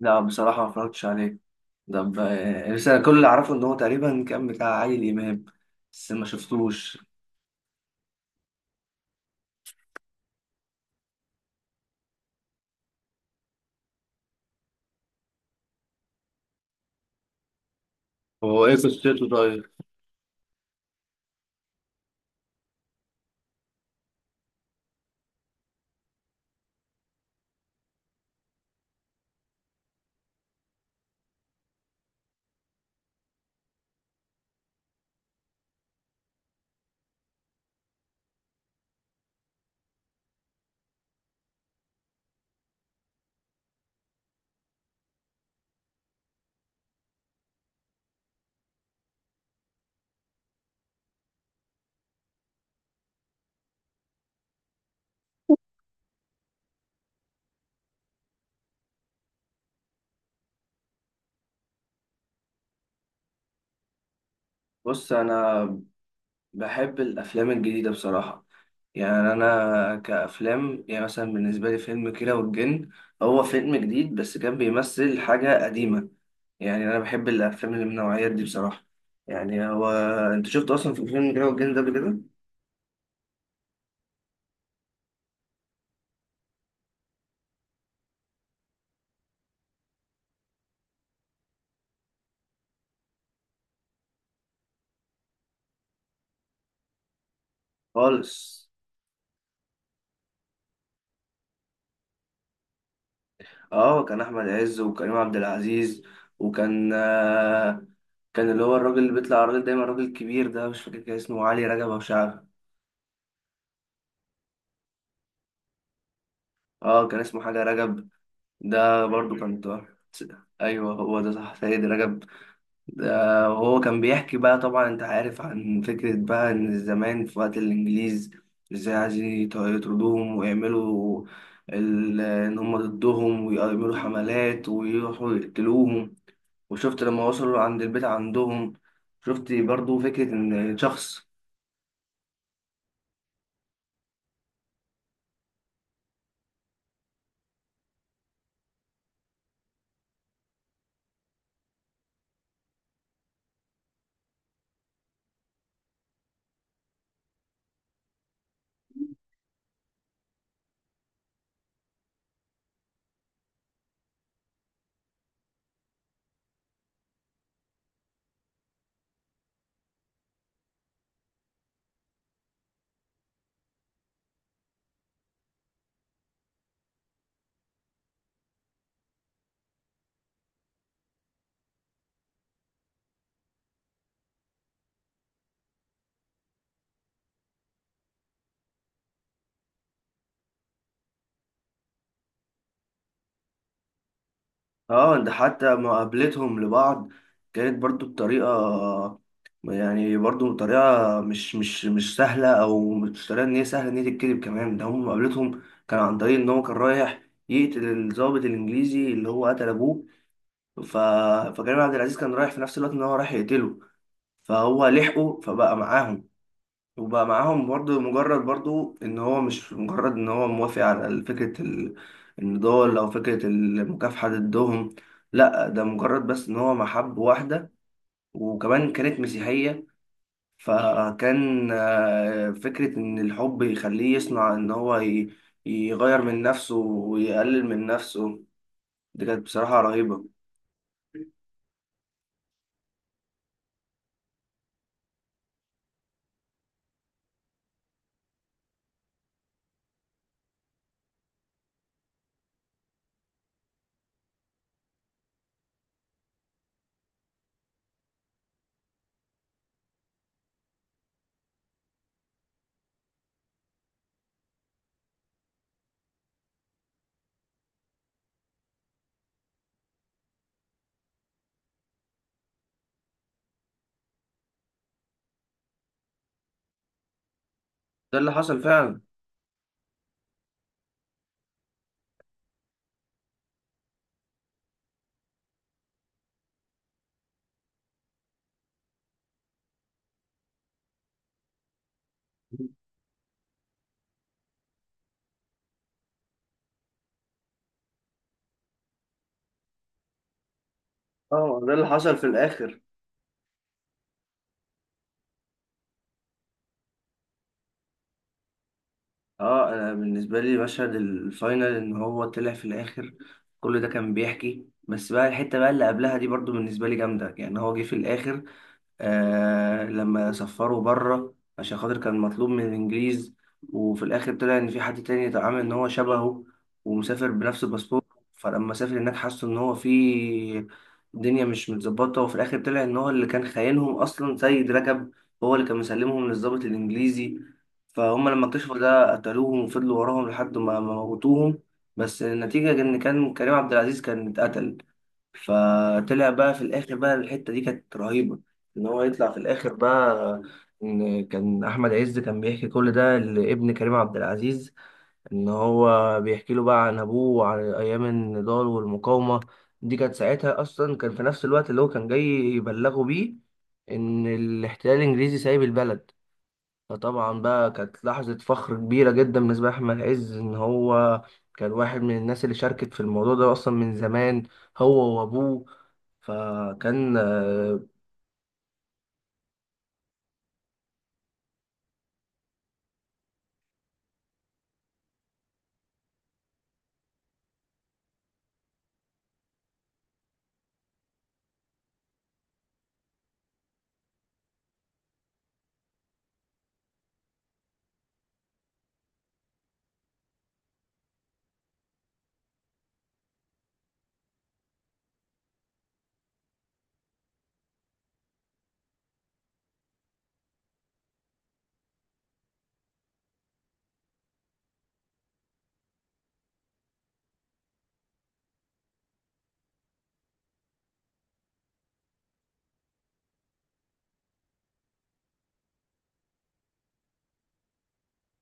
لا، بصراحة ما اتفرجتش عليه. طب، بس أنا كل اللي أعرفه إن هو تقريبا كان بتاع عادل إمام، بس ما شفتوش. هو إيه قصته طيب؟ بص، أنا بحب الأفلام الجديدة بصراحة. يعني أنا كأفلام، يعني مثلا بالنسبة لي فيلم كيرة والجن، هو فيلم جديد بس كان بيمثل حاجة قديمة. يعني أنا بحب الأفلام اللي من النوعيات دي بصراحة. يعني هو، أنت شفت أصلا في فيلم كيرة والجن ده قبل كده؟ خالص. اه كان احمد عز وكريم عبد العزيز. وكان كان اللي هو الراجل اللي بيطلع على الراجل دايما، الراجل الكبير ده مش فاكر كان اسمه علي رجب او شعب. اه كان اسمه حاجه رجب. ده برضو كان ده. ايوه هو ده صح، سيد رجب. ده وهو كان بيحكي بقى، طبعا انت عارف، عن فكره بقى ان زمان في وقت الانجليز ازاي عايزين يطردوهم ويعملوا، ان هم ضدهم ويعملوا حملات ويروحوا يقتلوهم. وشفت لما وصلوا عند البيت عندهم. شفت برضو فكرة إن شخص. اه ده حتى مقابلتهم لبعض كانت برضو بطريقة، يعني برضو طريقة مش سهلة، أو مش طريقة إن هي سهلة إن هي تتكذب كمان. ده هم مقابلتهم كان عن طريق إن هو كان رايح يقتل الضابط الإنجليزي اللي هو قتل أبوه. ف... فكريم عبد العزيز كان رايح في نفس الوقت إن هو رايح يقتله، فهو لحقه فبقى معاهم. وبقى معاهم برضو، مجرد برضو ان هو مش مجرد ان هو موافق على فكرة النضال او فكرة المكافحة ضدهم. لا، ده مجرد بس ان هو محب واحدة، وكمان كانت مسيحية. فكان فكرة ان الحب يخليه يصنع ان هو يغير من نفسه ويقلل من نفسه. دي كانت بصراحة رهيبة. ده اللي حصل فعلا. اه ده اللي حصل في الاخر. اه انا بالنسبه لي مشهد الفاينل ان هو طلع في الاخر كل ده كان بيحكي. بس بقى الحته بقى اللي قبلها دي برضو بالنسبه لي جامده، يعني هو جه في الاخر لما سفروا بره عشان خاطر كان مطلوب من الانجليز، وفي الاخر طلع ان في حد تاني اتعامل ان هو شبهه ومسافر بنفس الباسبور. فلما سافر هناك حسوا ان هو في الدنيا مش متظبطه، وفي الاخر طلع ان هو اللي كان خاينهم اصلا سيد رجب، هو اللي كان مسلمهم للضابط الانجليزي. فهم لما اكتشفوا ده قتلوهم وفضلوا وراهم لحد ما موتوهم. بس النتيجة إن كان كريم عبد العزيز كان اتقتل. فطلع بقى في الاخر بقى، الحته دي كانت رهيبه، ان هو يطلع في الاخر بقى ان كان احمد عز كان بيحكي كل ده لابن كريم عبد العزيز، ان هو بيحكي له بقى عن ابوه وعن ايام النضال والمقاومه. دي كانت ساعتها اصلا كان في نفس الوقت اللي هو كان جاي يبلغه بيه ان الاحتلال الانجليزي سايب البلد. فطبعا بقى كانت لحظه فخر كبيره جدا بالنسبه لاحمد عز، ان هو كان واحد من الناس اللي شاركت في الموضوع ده اصلا من زمان، هو وابوه. فكان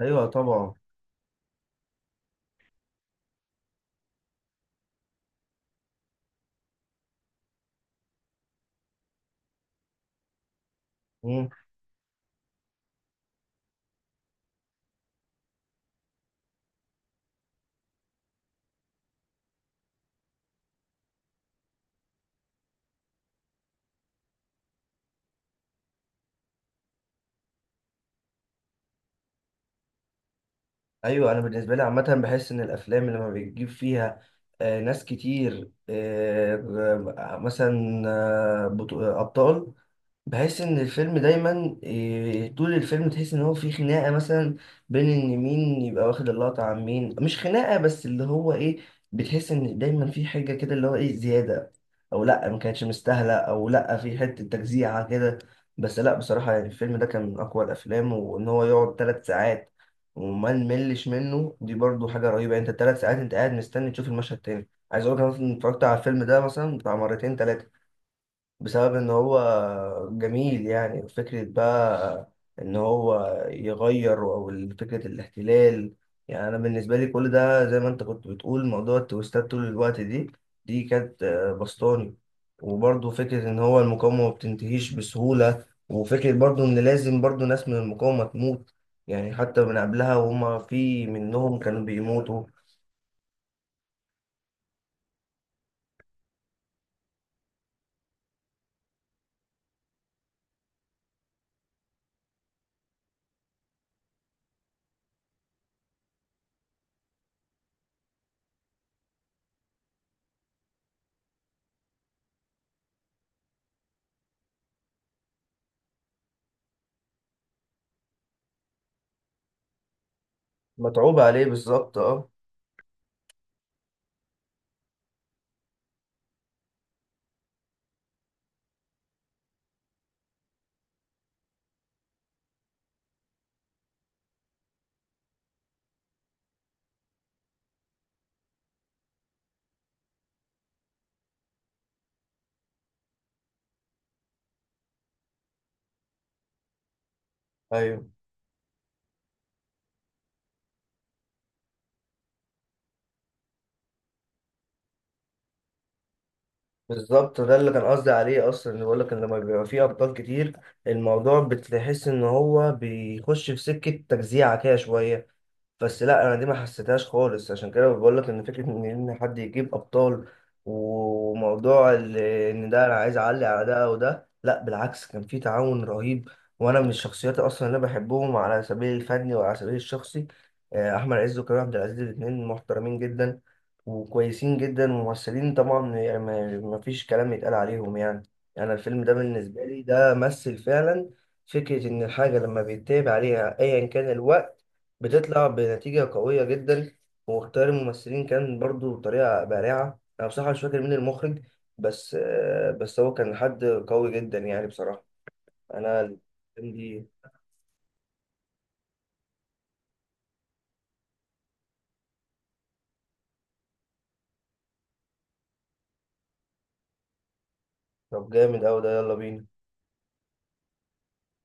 ايوه طبعا. مم. ايوه، انا بالنسبه لي عامه بحس ان الافلام لما بتجيب فيها ناس كتير، آه، مثلا آه، بطو- آه، ابطال، بحس ان الفيلم دايما، طول الفيلم تحس ان هو في خناقه مثلا بين ان مين يبقى واخد اللقطه عن مين. مش خناقه بس، اللي هو ايه، بتحس ان دايما في حاجه كده اللي هو ايه، زياده، او لا ما كانتش مستاهله، او لا في حته تجزيعه كده. بس لا بصراحه يعني الفيلم ده كان من اقوى الافلام، وان هو يقعد 3 ساعات وما نملش منه، دي برضو حاجه رهيبه. يعني انت 3 ساعات انت قاعد مستني تشوف المشهد تاني. عايز اقول لك انا مثلاً اتفرجت على الفيلم ده مثلا بتاع مرتين ثلاثه، بسبب ان هو جميل. يعني فكرة بقى ان هو يغير، او فكرة الاحتلال. يعني انا بالنسبة لي كل ده زي ما انت كنت بتقول موضوع التويستات طول الوقت، دي كانت بسطاني. وبرضه فكرة ان هو المقاومة ما بتنتهيش بسهولة، وفكرة برضه ان لازم برضه ناس من المقاومة تموت. يعني حتى من قبلها وهما في منهم كانوا بيموتوا. متعوب عليه بالظبط اه. ايوه بالظبط ده اللي كان قصدي عليه اصلا، اللي بقول لك ان لما بيبقى فيه ابطال كتير الموضوع بتحس ان هو بيخش في سكه تجزيعه كده شويه. بس لا انا دي ما حسيتهاش خالص. عشان كده بقول لك ان فكره ان حد يجيب ابطال، وموضوع ان ده انا عايز اعلي على ده او ده، لا بالعكس كان في تعاون رهيب. وانا من الشخصيات اصلا اللي أنا بحبهم على سبيل الفني وعلى سبيل الشخصي، احمد عز وكريم عبد العزيز الاثنين محترمين جدا وكويسين جدا وممثلين طبعا. يعني ما فيش كلام يتقال عليهم يعني. يعني الفيلم ده بالنسبه لي ده مثل فعلا فكره ان الحاجه لما بيتابع عليها ايا كان الوقت بتطلع بنتيجة قوية جدا. واختيار الممثلين كان برضو بطريقة بارعة. أنا بصراحة مش فاكر مين المخرج، بس هو كان حد قوي جدا يعني بصراحة. أنا الفيلم دي طب جامد أوي ده. يلا بينا.